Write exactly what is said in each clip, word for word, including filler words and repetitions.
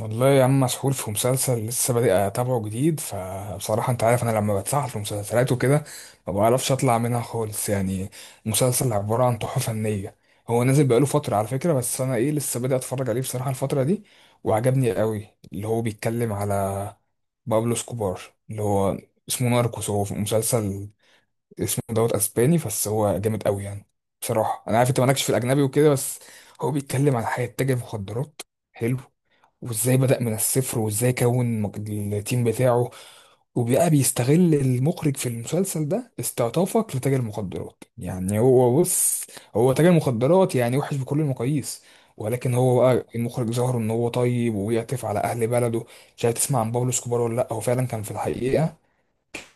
والله يا عم مسحول في مسلسل لسه بادئ اتابعه جديد، فبصراحة انت عارف انا لما بتسحل في مسلسلات وكده ما بعرفش اطلع منها خالص. يعني مسلسل عبارة عن تحفة فنية. هو نازل بقاله فترة على فكرة، بس انا ايه لسه بادئ اتفرج عليه بصراحة الفترة دي، وعجبني قوي. اللي هو بيتكلم على بابلو سكوبار، اللي هو اسمه ناركوس. هو في مسلسل اسمه دوت اسباني، بس هو جامد قوي يعني. بصراحة انا عارف انت مالكش في الاجنبي وكده، بس هو بيتكلم على حياة تاجر مخدرات حلو، وازاي بدأ من الصفر وازاي كون مج- التيم بتاعه. وبقى بيستغل المخرج في المسلسل ده استعطافك لتاجر مخدرات، يعني هو بص، هو تاجر مخدرات يعني وحش بكل المقاييس، ولكن هو بقى المخرج ظهر ان هو طيب وبيعطف على اهل بلده. مش عارف تسمع عن بابلو اسكوبار ولا لا؟ هو فعلا كان في الحقيقة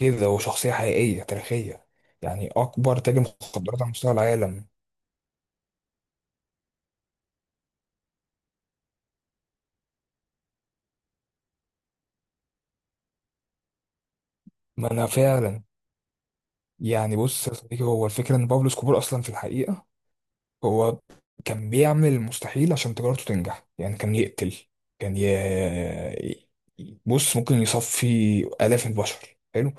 كده، هو شخصية حقيقية تاريخية، يعني اكبر تاجر مخدرات على مستوى العالم. ما انا فعلا. يعني بص يا صديقي، هو الفكرة ان بابلو اسكوبار اصلا في الحقيقة هو كان بيعمل المستحيل عشان تجارته تنجح، يعني كان يقتل، كان ي... بص ممكن يصفي آلاف البشر. حلو.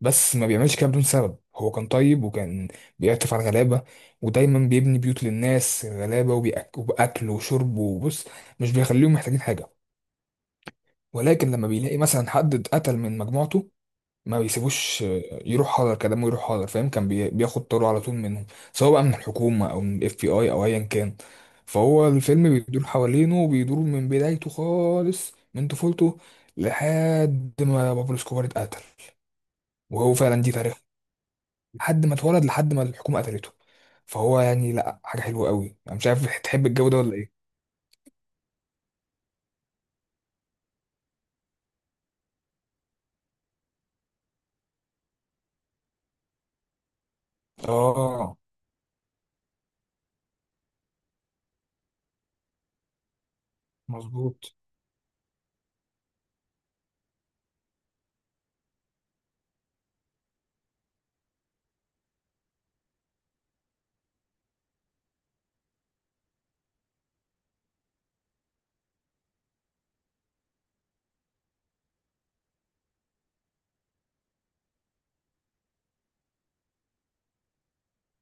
بس ما بيعملش كده بدون سبب، هو كان طيب وكان بيعطف على الغلابة، ودايما بيبني بيوت للناس غلابة وبيأك- وبأكل وشرب وبص، مش بيخليهم محتاجين حاجة. ولكن لما بيلاقي مثلا حد اتقتل من مجموعته، ما بيسيبوش، يروح حاضر كلامه، يروح حاضر، فاهم؟ كان بي- بياخد طاره على طول منهم، سواء بقى من الحكومه او من الاف بي اي او ايا كان. فهو الفيلم بيدور حوالينه وبيدور من بدايته خالص من طفولته لحد ما بابلو اسكوبار اتقتل. وهو فعلا دي تاريخ، لحد ما اتولد لحد ما الحكومه قتلته. فهو يعني لا، حاجه حلوه قوي. انا مش عارف تحب الجو ده ولا ايه. اه، مظبوط.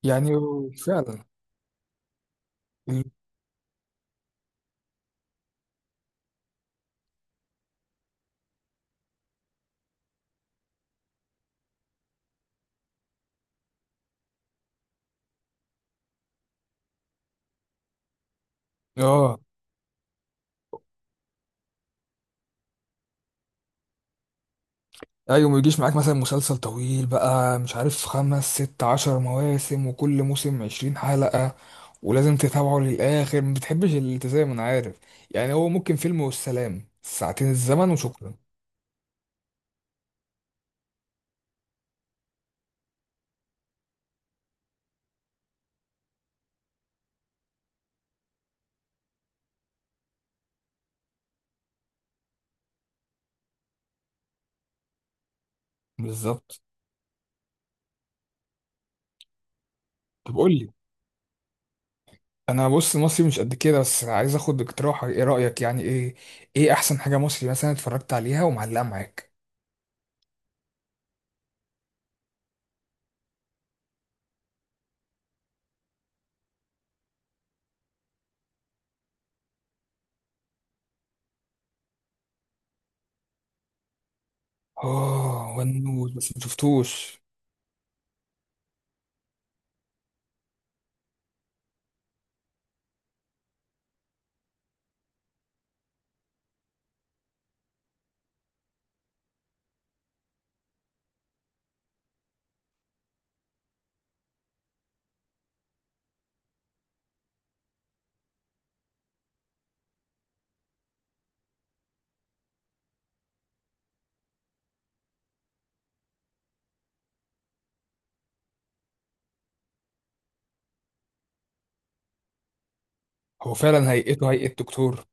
يعني فعلا ال- اه ايوه، ما يجيش معاك مثلا مسلسل طويل بقى مش عارف خمس ست عشر مواسم وكل موسم عشرين حلقة ولازم تتابعه للآخر، ما بتحبش الالتزام انا عارف. يعني هو ممكن فيلم والسلام، ساعتين الزمن وشكرا. بالظبط. طب قول لي، انا بص مصري مش قد كده، بس عايز اخد اقتراحك، ايه رأيك يعني، ايه ايه احسن حاجة مصري مثلا اتفرجت عليها ومعلقة معاك؟ اه ونوت، بس ما شفتوش. هو فعلا هيئته هيئة دكتور.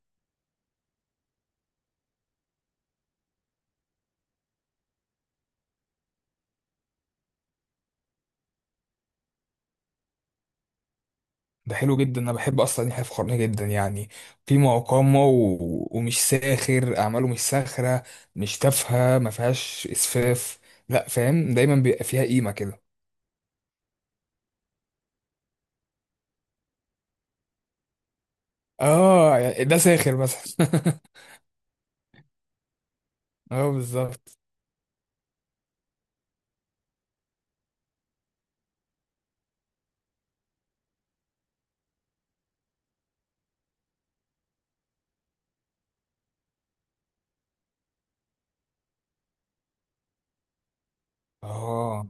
ده حلو جدا، انا بحب اصلا يحيى الفخراني جدا يعني. قيمه وقامه و... ومش ساخر، اعماله مش ساخره، مش تافهه، ما فيهاش اسفاف، لا فاهم، دايما بيبقى فيها قيمه كده. اه يعني ده ساخر مثلا. اه بالظبط. اه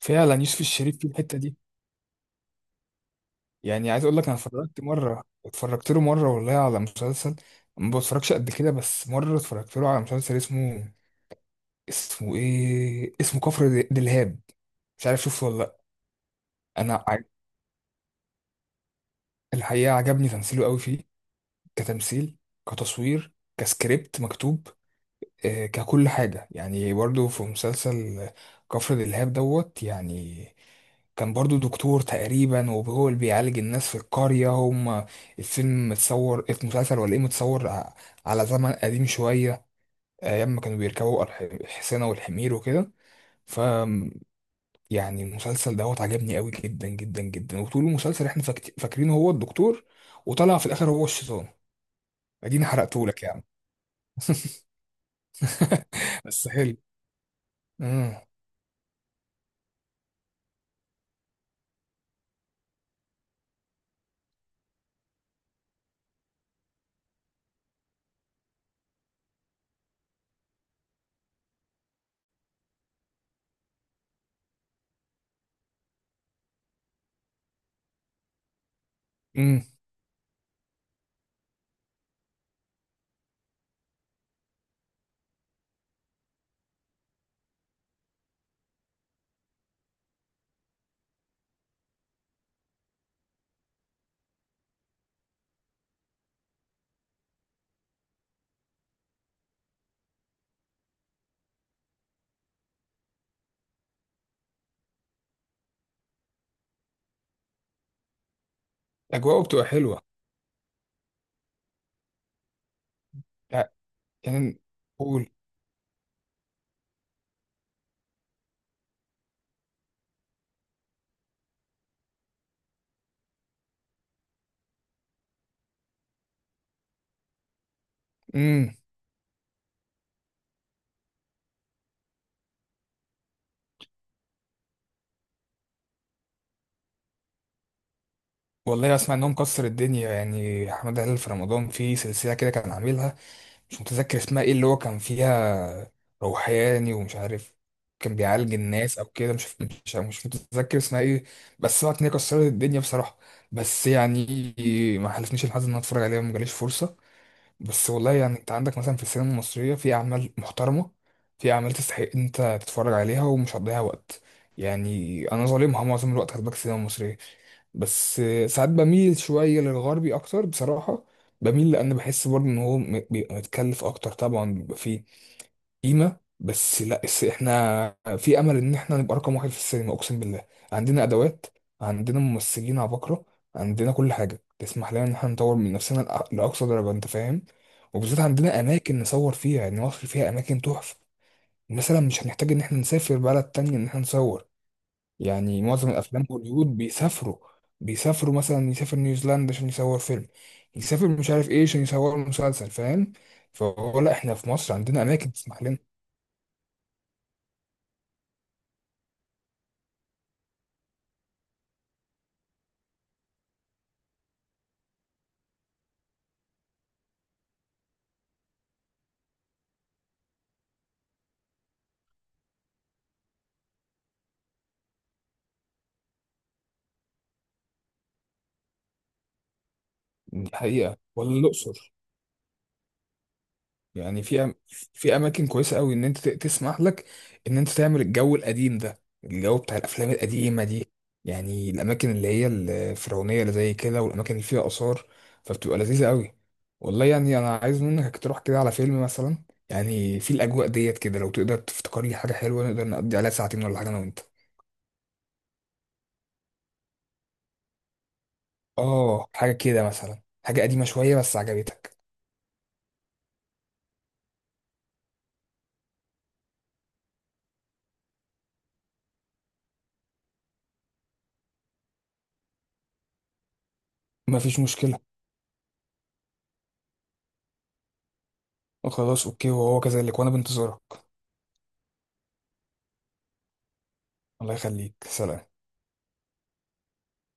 فعلا يوسف الشريف في الحته دي. يعني عايز اقول لك، انا اتفرجت مره، اتفرجت له مره والله على مسلسل، ما بتفرجش قد كده، بس مره اتفرجت له على مسلسل اسمه، اسمه ايه، اسمه كفر دلهاب. مش عارف شوفه ولا لا؟ انا الحقيقة عجبني تمثيله قوي فيه، كتمثيل، كتصوير، كسكريبت مكتوب، آه، ككل حاجة. يعني برضو في مسلسل كفر دلهاب دوت يعني، كان برضو دكتور تقريبا وهو اللي بيعالج الناس في القرية. هم الفيلم متصور، المسلسل ولا ايه متصور ع- على زمن قديم شوية، أيام ما كانوا بيركبوا الح- الحصينة والحمير وكده. يعني المسلسل دوت عجبني قوي جدا جدا جدا. وطول المسلسل احنا فاكت- فاكرين هو الدكتور، وطلع في الاخر هو الشيطان. اديني حرقته لك يعني. بس حلو. امم امم اجواءه بتبقى حلوه. يع- يعني قول. امم والله اسمع انه مكسر الدنيا، يعني احمد هلال في رمضان في سلسله كده كان عاملها، مش متذكر اسمها ايه، اللي هو كان فيها روحاني ومش عارف، كان بيعالج الناس او كده، مش مش مش متذكر اسمها ايه. بس هو كانت كسرت الدنيا بصراحه. بس يعني ما حلفنيش الحظ ان انا اتفرج عليها، ما جاليش فرصه. بس والله يعني انت عندك مثلا في السينما المصريه في اعمال محترمه، في اعمال تستحق إن انت تتفرج عليها ومش هتضيع وقت. يعني انا ظالمها معظم الوقت، خد بالك، السينما المصريه. بس ساعات بميل شوية للغربي أكتر بصراحة. بميل لأن بحس برضه إن هو م- بيبقى متكلف أكتر، طبعا بيبقى فيه قيمة، بس لا، بس إحنا في أمل إن إحنا نبقى رقم واحد في السينما أقسم بالله. عندنا أدوات، عندنا ممثلين عباقرة، عندنا كل حاجة تسمح لنا إن إحنا نطور من نفسنا لأ- لأقصى درجة، أنت فاهم. وبالذات عندنا أماكن نصور فيها، يعني مصر فيها أماكن تحفة. مثلا مش هنحتاج إن إحنا نسافر بلد تانية إن إحنا نصور. يعني معظم الافلام هوليوود بيسافروا، بيسافروا مثلا يسافر نيوزيلندا عشان يصور فيلم، يسافر مش عارف ايه عشان يصور مسلسل، فاهم. فهو لا، احنا في مصر عندنا اماكن تسمح لنا. دي حقيقة ولا الاقصر. يعني في أم... في اماكن كويسه قوي، ان انت ت- تسمح لك ان انت تعمل الجو القديم ده، الجو بتاع الافلام القديمه دي، يعني الاماكن اللي هي الفرعونيه اللي زي كده والاماكن اللي فيها اثار، فبتبقى لذيذه قوي. والله يعني انا عايز منك تروح كده على فيلم مثلا، يعني في الاجواء ديت كده، لو تقدر تفتكر لي حاجه حلوه نقدر نقضي عليها ساعتين ولا حاجه انا وانت. اه حاجه كده مثلا، حاجه قديمه شويه بس عجبتك. مفيش مشكله. خلاص اوكي، وهو كذلك، وانا بنتظرك. الله يخليك، سلام.